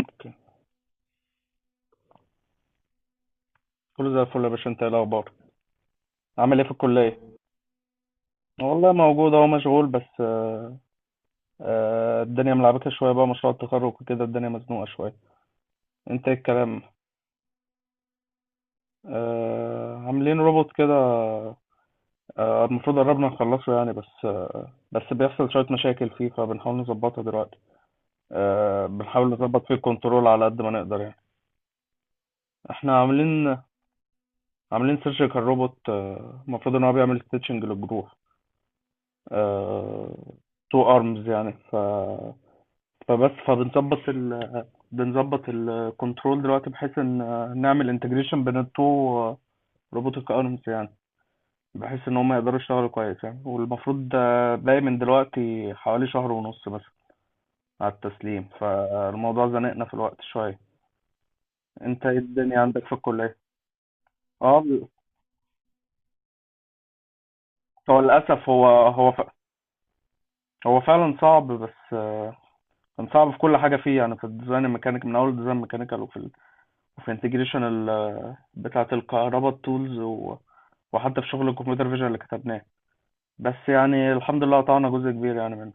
اوكي. كله زي الفل يا باشا، انت ايه الاخبار؟ عامل ايه في الكليه؟ والله موجود اهو، مشغول بس الدنيا ملعبكه شويه بقى، مشروع التخرج وكده الدنيا مزنوقه شويه. انت ايه الكلام؟ عاملين روبوت كده. المفروض قربنا نخلصه يعني، بس بيحصل شويه مشاكل فيه فبنحاول نظبطها دلوقتي. بنحاول نظبط فيه الكنترول على قد ما نقدر يعني. احنا عاملين سيرجيكال روبوت. المفروض ان هو بيعمل ستيتشنج للجروح. آه، تو ارمز يعني. ف فبس فبنظبط ال بنظبط الكنترول دلوقتي بحيث ان نعمل انتجريشن بين التو روبوتك ارمز يعني، بحيث ان هم يقدروا يشتغلوا كويس يعني. والمفروض ده باقي من دلوقتي حوالي شهر ونص مثلا على التسليم، فالموضوع زنقنا في الوقت شوية. انت ايه الدنيا عندك في الكلية؟ اه. هو للاسف هو فعلا صعب بس كان صعب في كل حاجة فيه يعني. في الديزاين الميكانيك من اول ديزاين ميكانيكال، وفي انتجريشن بتاعة الكهرباء، التولز و... وحتى في شغل الكمبيوتر فيجن اللي كتبناه. بس يعني الحمد لله قطعنا جزء كبير يعني منه.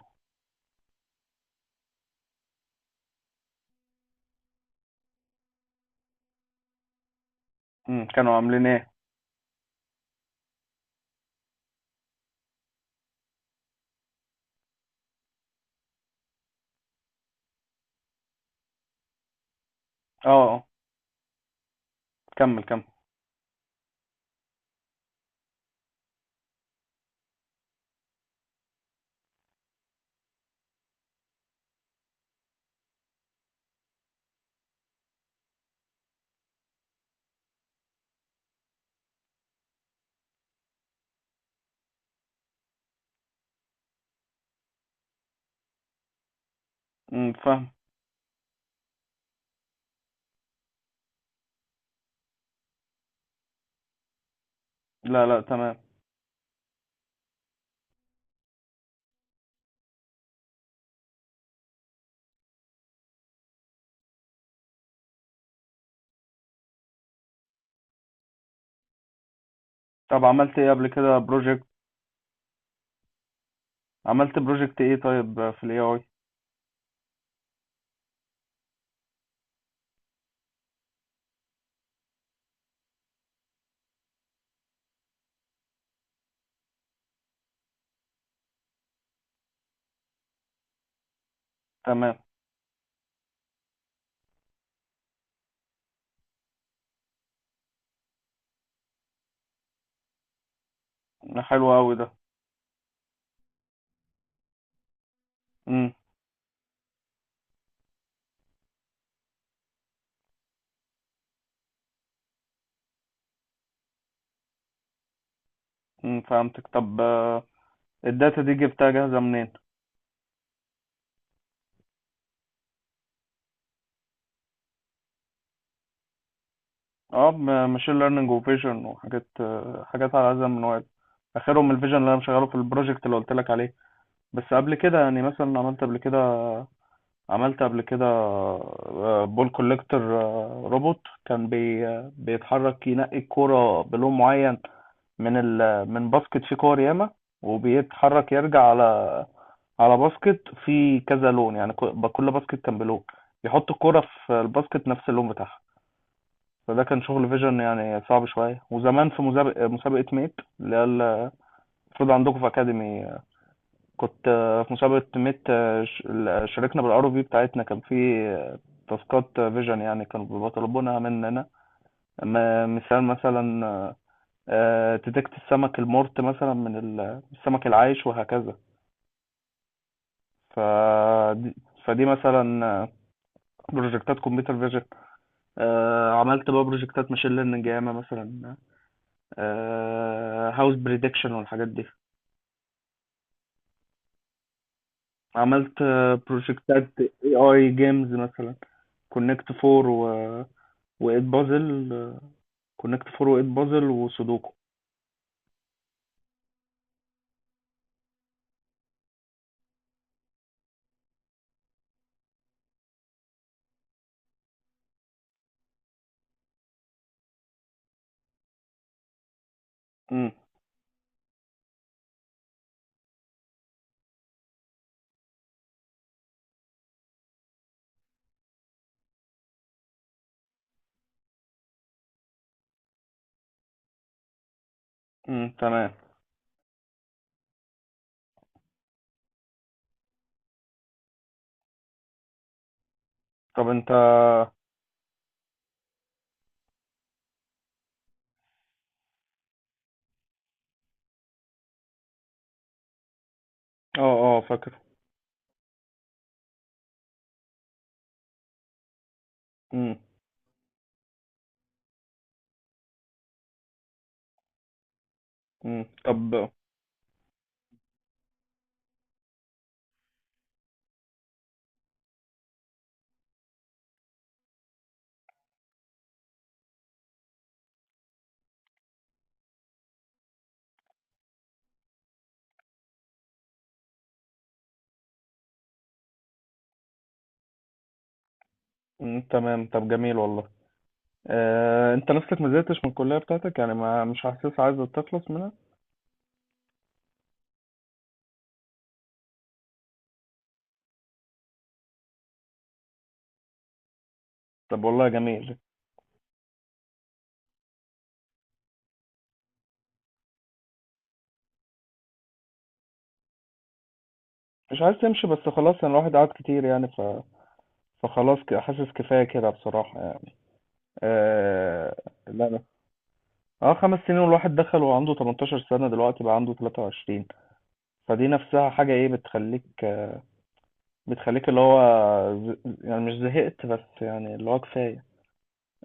مم. كانوا عاملين ايه؟ اه، اه، كمل كمل. مم، فاهم. لا، لا، تمام. طب عملت ايه قبل كده بروجكت؟ عملت بروجكت ايه طيب في الاي اي؟ تمام. حلو قوي ده. امم. امم، فهمتك. طب الداتا دي جبتها جاهزة منين؟ اه، ماشين ليرنينج وفيجن وحاجات آه، حاجات على هذا المنوال. اخرهم الفيجن اللي انا مشغله في البروجكت اللي قلت لك عليه. بس قبل كده يعني مثلا عملت قبل كده بول كوليكتور. روبوت كان بي آه، بيتحرك ينقي الكورة بلون معين من من باسكت فيه كور ياما، وبيتحرك يرجع على باسكت فيه كذا لون يعني. كل باسكت كان بلون، يحط الكورة في الباسكت نفس اللون بتاعها. فده كان شغل فيجن يعني صعب شوية. وزمان في مسابقة ميت اللي هي المفروض عندكم في أكاديمي، كنت في مسابقة ميت. شاركنا بالار في بتاعتنا. كان في آه، تاسكات فيجن يعني كانوا بيطلبونها مننا، م- مثال مثلا تدكت السمك المرت مثلا من السمك العايش وهكذا. فدي فدي مثلا بروجكتات كمبيوتر فيجن. عملت بقى بروجكتات ماشين ليرنينج ياما مثلا، هاوس بريدكشن والحاجات دي. عملت بروجكتات اي اي جيمز مثلا، كونكت فور و... وايت بازل كونكت فور وايت بازل وسودوكو. امم، امم، تمام. طب انت. اه، اه، فاكر. امم، امم، طب. امم، تمام. طب جميل والله. انت نفسك ما زهقتش من الكلية بتاعتك يعني؟ ما مش حاسس عايز تخلص منها؟ طب والله جميل. مش عايز تمشي، بس خلاص يعني الواحد قعد كتير يعني، فخلاص حاسس كفاية كده بصراحة يعني. آه... لا، لا، اه، 5 سنين. والواحد دخل وعنده 18 سنة، دلوقتي بقى عنده 23. فدي نفسها حاجة ايه بتخليك اللي هو يعني مش زهقت، بس يعني اللي هو كفاية.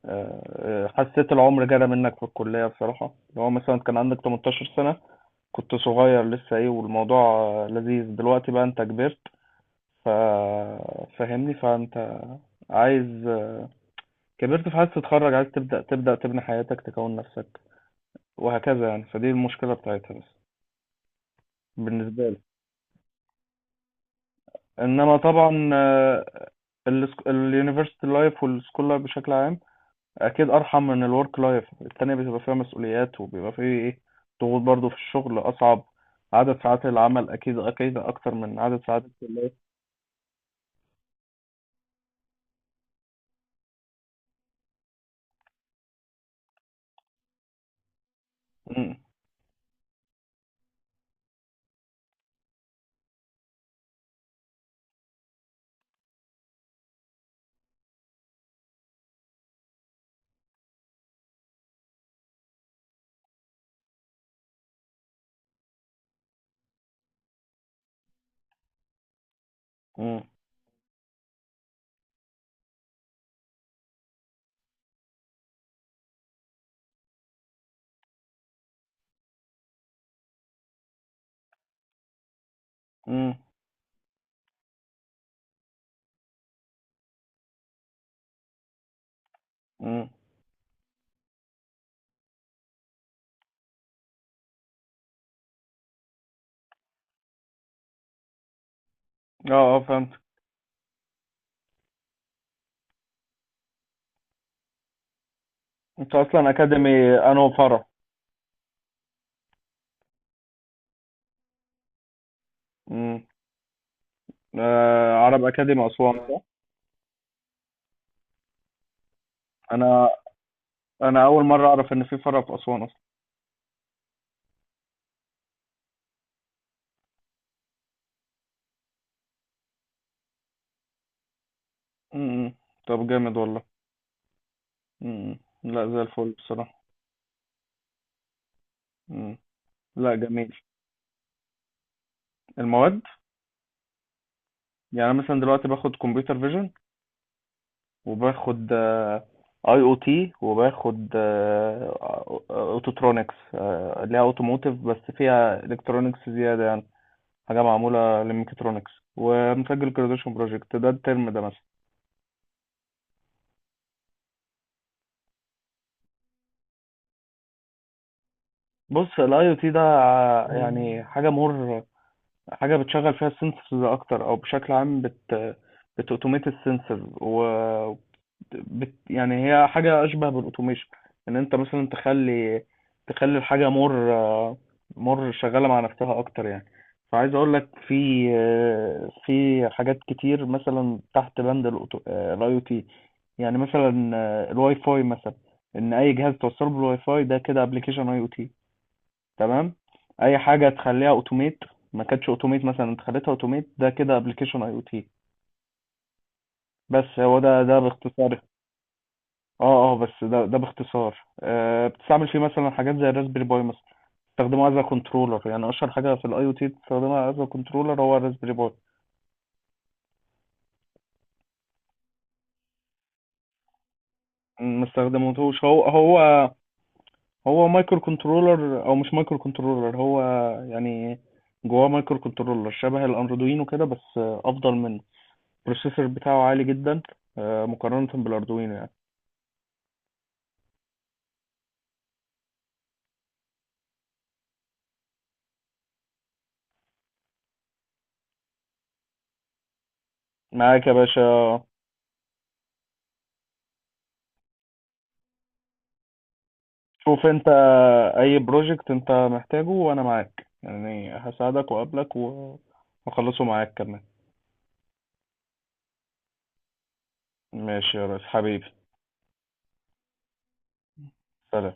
حسيت العمر جرى منك في الكلية بصراحة، اللي هو مثلا كان عندك 18 سنة، كنت صغير لسه ايه والموضوع لذيذ، دلوقتي بقى انت كبرت. ف فاهمني. فانت عايز كبرت، فعايز تتخرج، عايز تبدأ تبني حياتك تكون نفسك وهكذا يعني. فدي المشكلة بتاعتها بس، بالنسبة لي. انما طبعا اليونيفرسيتي لايف والسكول لايف بشكل عام اكيد ارحم من الورك لايف التانية، بتبقى فيها مسؤوليات وبيبقى فيه ايه، ضغوط برضو. في الشغل اصعب، عدد ساعات العمل اكيد اكيد اكتر من عدد ساعات الكلية. امم، امم، امم، امم. اه، اه، فهمت. انت اصلا اكاديمي انو فرع؟ امم. عرب اكاديمي اسوان صح؟ انا انا اول مره اعرف ان في فرع في اسوان اصلا. امم. طب جامد والله. امم. لا، زي الفل بصراحه. مم. لا، جميل. المواد، يعني أنا مثلا دلوقتي باخد كمبيوتر فيجن، وباخد اي او تي، وباخد اوتوترونكس اللي هي اوتوموتيف بس فيها الكترونكس زياده يعني، حاجه معموله للميكاترونكس، ومسجل جراديويشن بروجكت ده الترم ده مثلا. بص الاي او تي ده يعني حاجه مور، حاجه بتشغل فيها السنسورز اكتر، او بشكل عام بتوتوميت السنسور. يعني هي حاجة أشبه بالأوتوميشن، إن أنت مثلا تخلي الحاجة مور شغالة مع نفسها أكتر يعني. فعايز أقول لك في حاجات كتير مثلا تحت بند الأي أو تي. يعني مثلا الواي فاي مثلا، إن أي جهاز توصله بالواي فاي ده كده أبلكيشن أي أو تي. تمام. أي حاجة تخليها أوتوميت ما كانتش أوتوميت، مثلا أنت خليتها أوتوميت ده كده أبلكيشن أي أو تي. بس هو ده باختصار. اه، اه، بس ده باختصار. بتستعمل فيه مثلا حاجات زي الراسبيري باي مثلا، بستخدمه از كنترولر. يعني اشهر حاجه في الاي او تي بتستخدمها از كنترولر هو الراسبيري باي. ما استخدمتهوش. هو مايكرو كنترولر، او مش مايكرو كنترولر، هو يعني جواه مايكرو كنترولر شبه الاردوينو كده، بس افضل منه. البروسيسور بتاعه عالي جدا مقارنة بالاردوينو يعني. معاك يا باشا. شوف انت، اي بروجكت انت محتاجه وانا معاك يعني، هساعدك واقابلك واخلصه معاك كمان. ماشي يا ريس. حبيبي، سلام.